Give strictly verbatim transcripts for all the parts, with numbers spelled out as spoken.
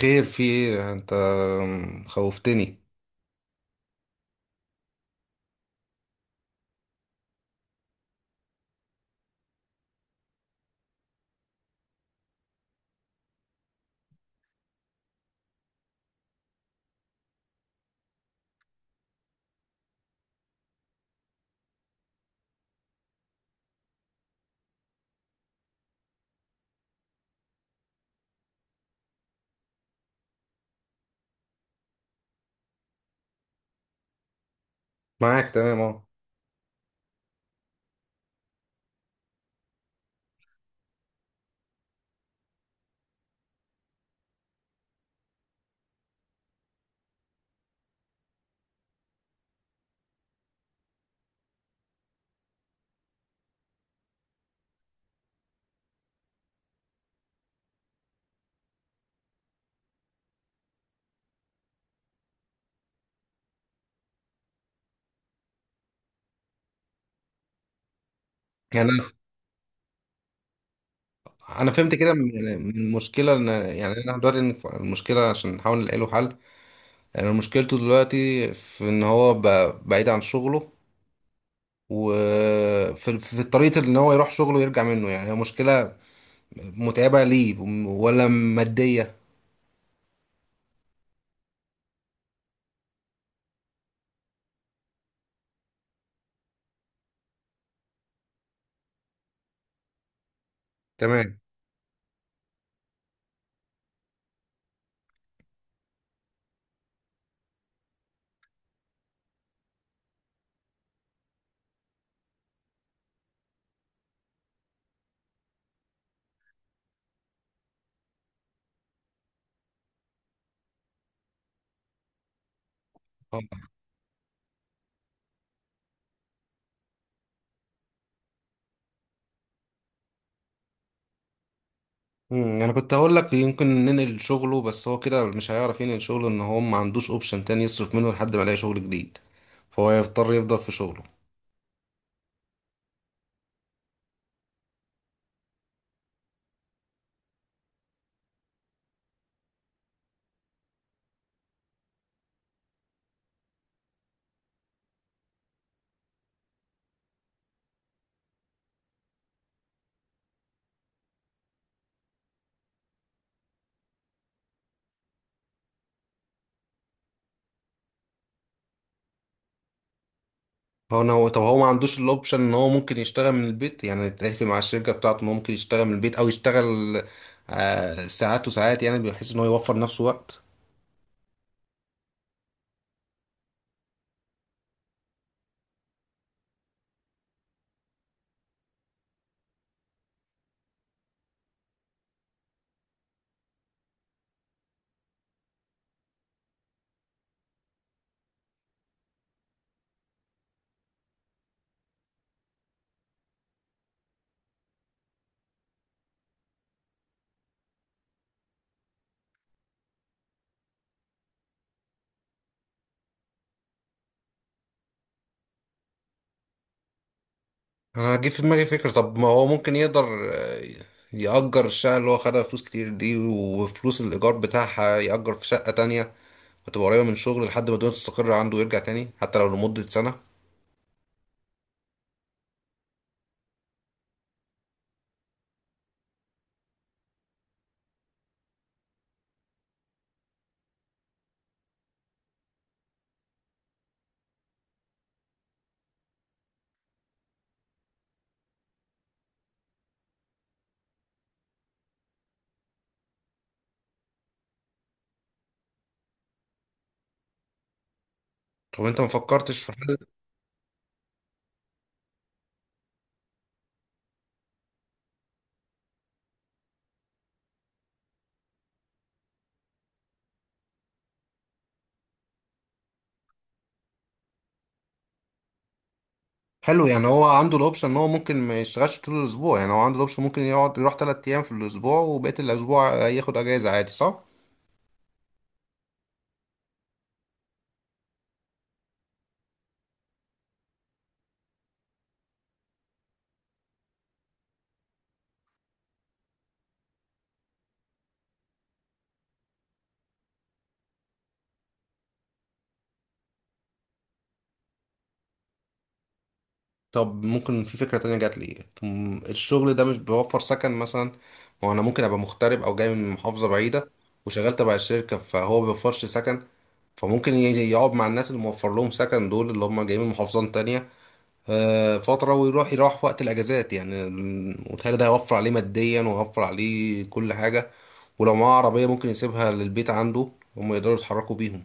خير في ايه انت؟ خوفتني. معاك تمام اهو. يعني انا أنا فهمت كده من يعني من المشكله ان يعني انا دلوقتي إن المشكله عشان نحاول نلاقي له حل. يعني مشكلته دلوقتي في ان هو ب- بعيد عن شغله، وفي في طريقه ان هو يروح شغله ويرجع منه، يعني هي مشكله متعبه ليه ولا ماديه؟ تمام. اه. مم، انا كنت هقول لك يمكن ننقل شغله، بس هو كده مش هيعرف ينقل شغله ان هو ما عندوش اوبشن تاني يصرف منه لحد ما يلاقي شغل جديد، فهو يضطر يفضل في شغله. هو أنا- هو طب هو ما عندوش الاوبشن ان هو ممكن يشتغل من البيت، يعني يتفق مع الشركة بتاعته ان هو ممكن يشتغل من البيت، او يشتغل آه ساعات وساعات، يعني بحيث ان هو يوفر نفسه وقت. انا جه في دماغي فكرة، طب ما هو ممكن يقدر آه، يأجر الشقة اللي هو خدها فلوس كتير دي، وفلوس الإيجار بتاعها يأجر في شقة تانية، وتبقى قريبة من شغل لحد ما الدنيا تستقر عنده ويرجع تاني، حتى لو لمدة سنة. طب انت ما فكرتش في حاجة؟ حلو. يعني هو عنده الاوبشن ان هو ممكن ما يشتغلش طول الاسبوع؟ يعني هو عنده الاوبشن ممكن يقعد يروح تلات ايام في الاسبوع وبقية الاسبوع ياخد اجازة عادي، صح؟ طب ممكن في فكرة تانية جات لي، م- الشغل ده مش بيوفر سكن مثلا؟ ما هو انا ممكن ابقى مغترب او جاي من محافظة بعيدة وشغال تبع الشركة فهو ما بيوفرش سكن، فممكن ي- يقعد مع الناس اللي موفر لهم سكن دول، اللي هم جايين من محافظات تانية آه، فترة، ويروح يروح في وقت الاجازات، يعني ال- وتهيألي ده هيوفر عليه ماديا وهيوفر عليه كل حاجة. ولو معاه عربية ممكن يسيبها للبيت عنده، هم يقدروا يتحركوا بيهم.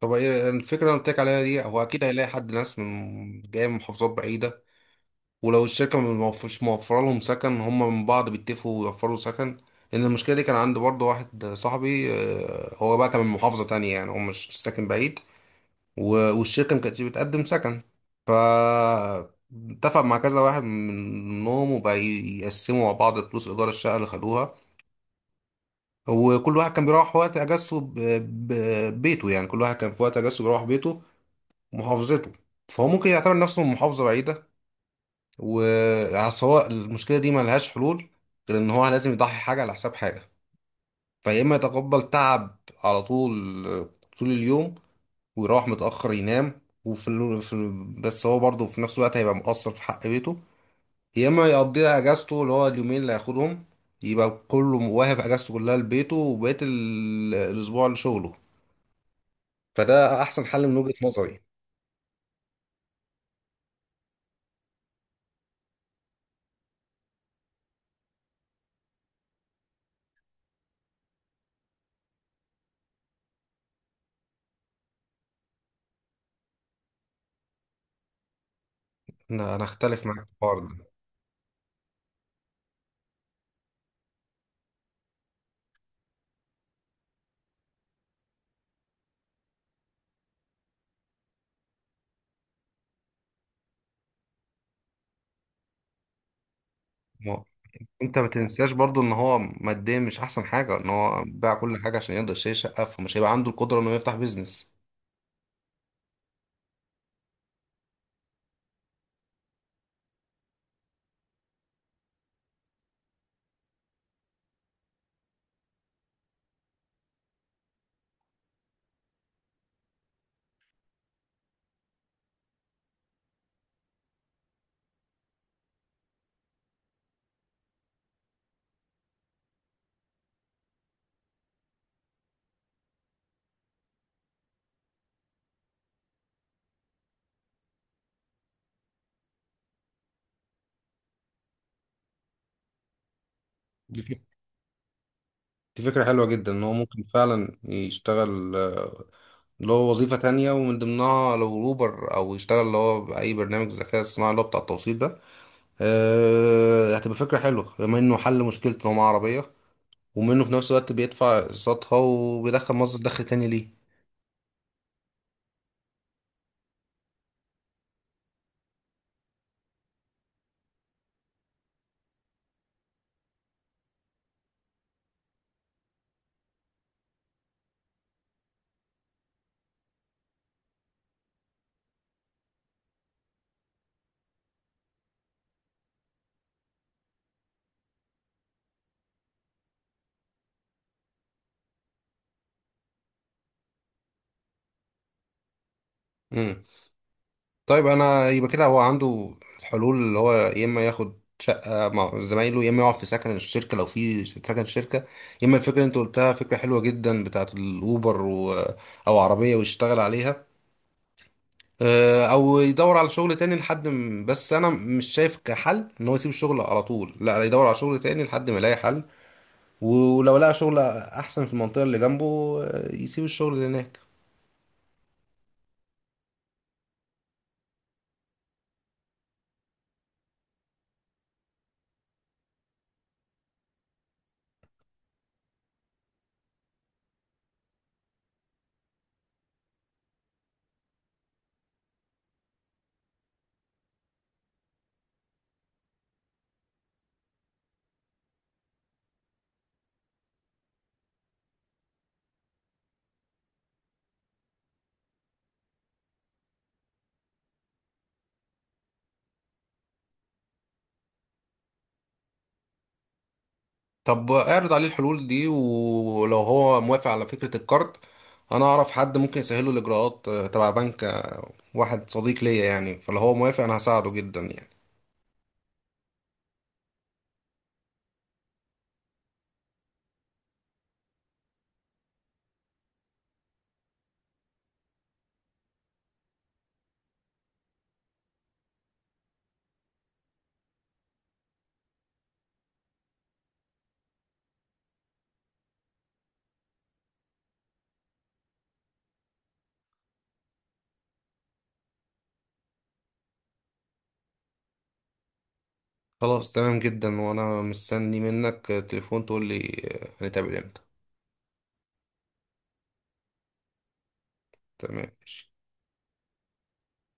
طب ايه الفكرة اللي أنا قلت لك عليها دي؟ هو اكيد هيلاقي حد، ناس من جاية من محافظات بعيدة، ولو الشركة مش موفرة لهم سكن هم من بعض بيتفقوا ويوفروا سكن. لأن المشكلة دي كان عند برضه واحد صاحبي، آه، هو بقى كان من محافظة تانية، يعني هو مش ساكن بعيد، و- والشركة ما كانتش بتقدم سكن، ف اتفق مع كذا واحد منهم وبقى يقسموا مع بعض فلوس إيجار الشقة اللي خدوها، وكل واحد كان بيروح وقت أجازته ب- ب- بيته، يعني كل واحد كان في وقت أجازته بيروح بيته ومحافظته. فهو ممكن يعتبر نفسه من محافظة بعيدة. والسواء المشكله دي ملهاش حلول غير ان هو لازم يضحي حاجه على حساب حاجه. فيا اما يتقبل تعب على طول، طول اليوم، ويروح متاخر ينام وفي ال... في ال... بس هو برضه في نفس الوقت هيبقى مقصر في حق بيته. يا اما يقضيها اجازته اللي هو اليومين اللي هياخدهم، يبقى كله واهب اجازته كلها لبيته وبقيه ال... الاسبوع لشغله. فده احسن حل من وجهه نظري. انا أنا اختلف معاك في الحوار ده. انت ما تنساش برضو ان هو ماديا مش احسن حاجه، ان هو باع كل حاجه عشان يقدر يشتري شقه، فمش هيبقى عنده القدره انه يفتح بيزنس. دي فك- دي فكره حلوه جدا ان هو ممكن فعلا يشتغل آه، اللي هو وظيفه تانية، ومن ضمنها لو اوبر او يشتغل اللي هو باي برنامج ذكاء اصطناعي اللي هو بتاع التوصيل ده. آه، هتبقى فكره حلوه بما انه حل مشكله ان هو معاه عربيه، ومنه في نفس الوقت بيدفع اقساطها وبيدخل مصدر دخل تاني. ليه؟ طيب انا يبقى كده هو عنده الحلول، اللي هو يا اما ياخد شقه مع زمايله، يا اما يقعد في سكن الشركه لو في سكن شركه، يا اما الفكره اللي انت قلتها فكره حلوه جدا، بتاعت الاوبر و... او عربيه ويشتغل عليها، آه، او يدور على شغل تاني لحد م... بس انا مش شايف كحل ان هو يسيب الشغل على طول، لا، يدور على شغل تاني لحد ما يلاقي حل، ولو لقى شغل احسن في المنطقه اللي جنبه، آه، يسيب الشغل اللي هناك. طب اعرض عليه الحلول دي، ولو هو موافق على فكرة الكارت انا اعرف حد ممكن يسهله الاجراءات، آه، تبع بنك، آه، واحد صديق ليا يعني. فلو هو موافق انا هساعده جدا يعني. خلاص تمام جدا، وانا مستني منك آه، تليفون تقول لي آه، هنتقابل امتى. تمام، ماشي.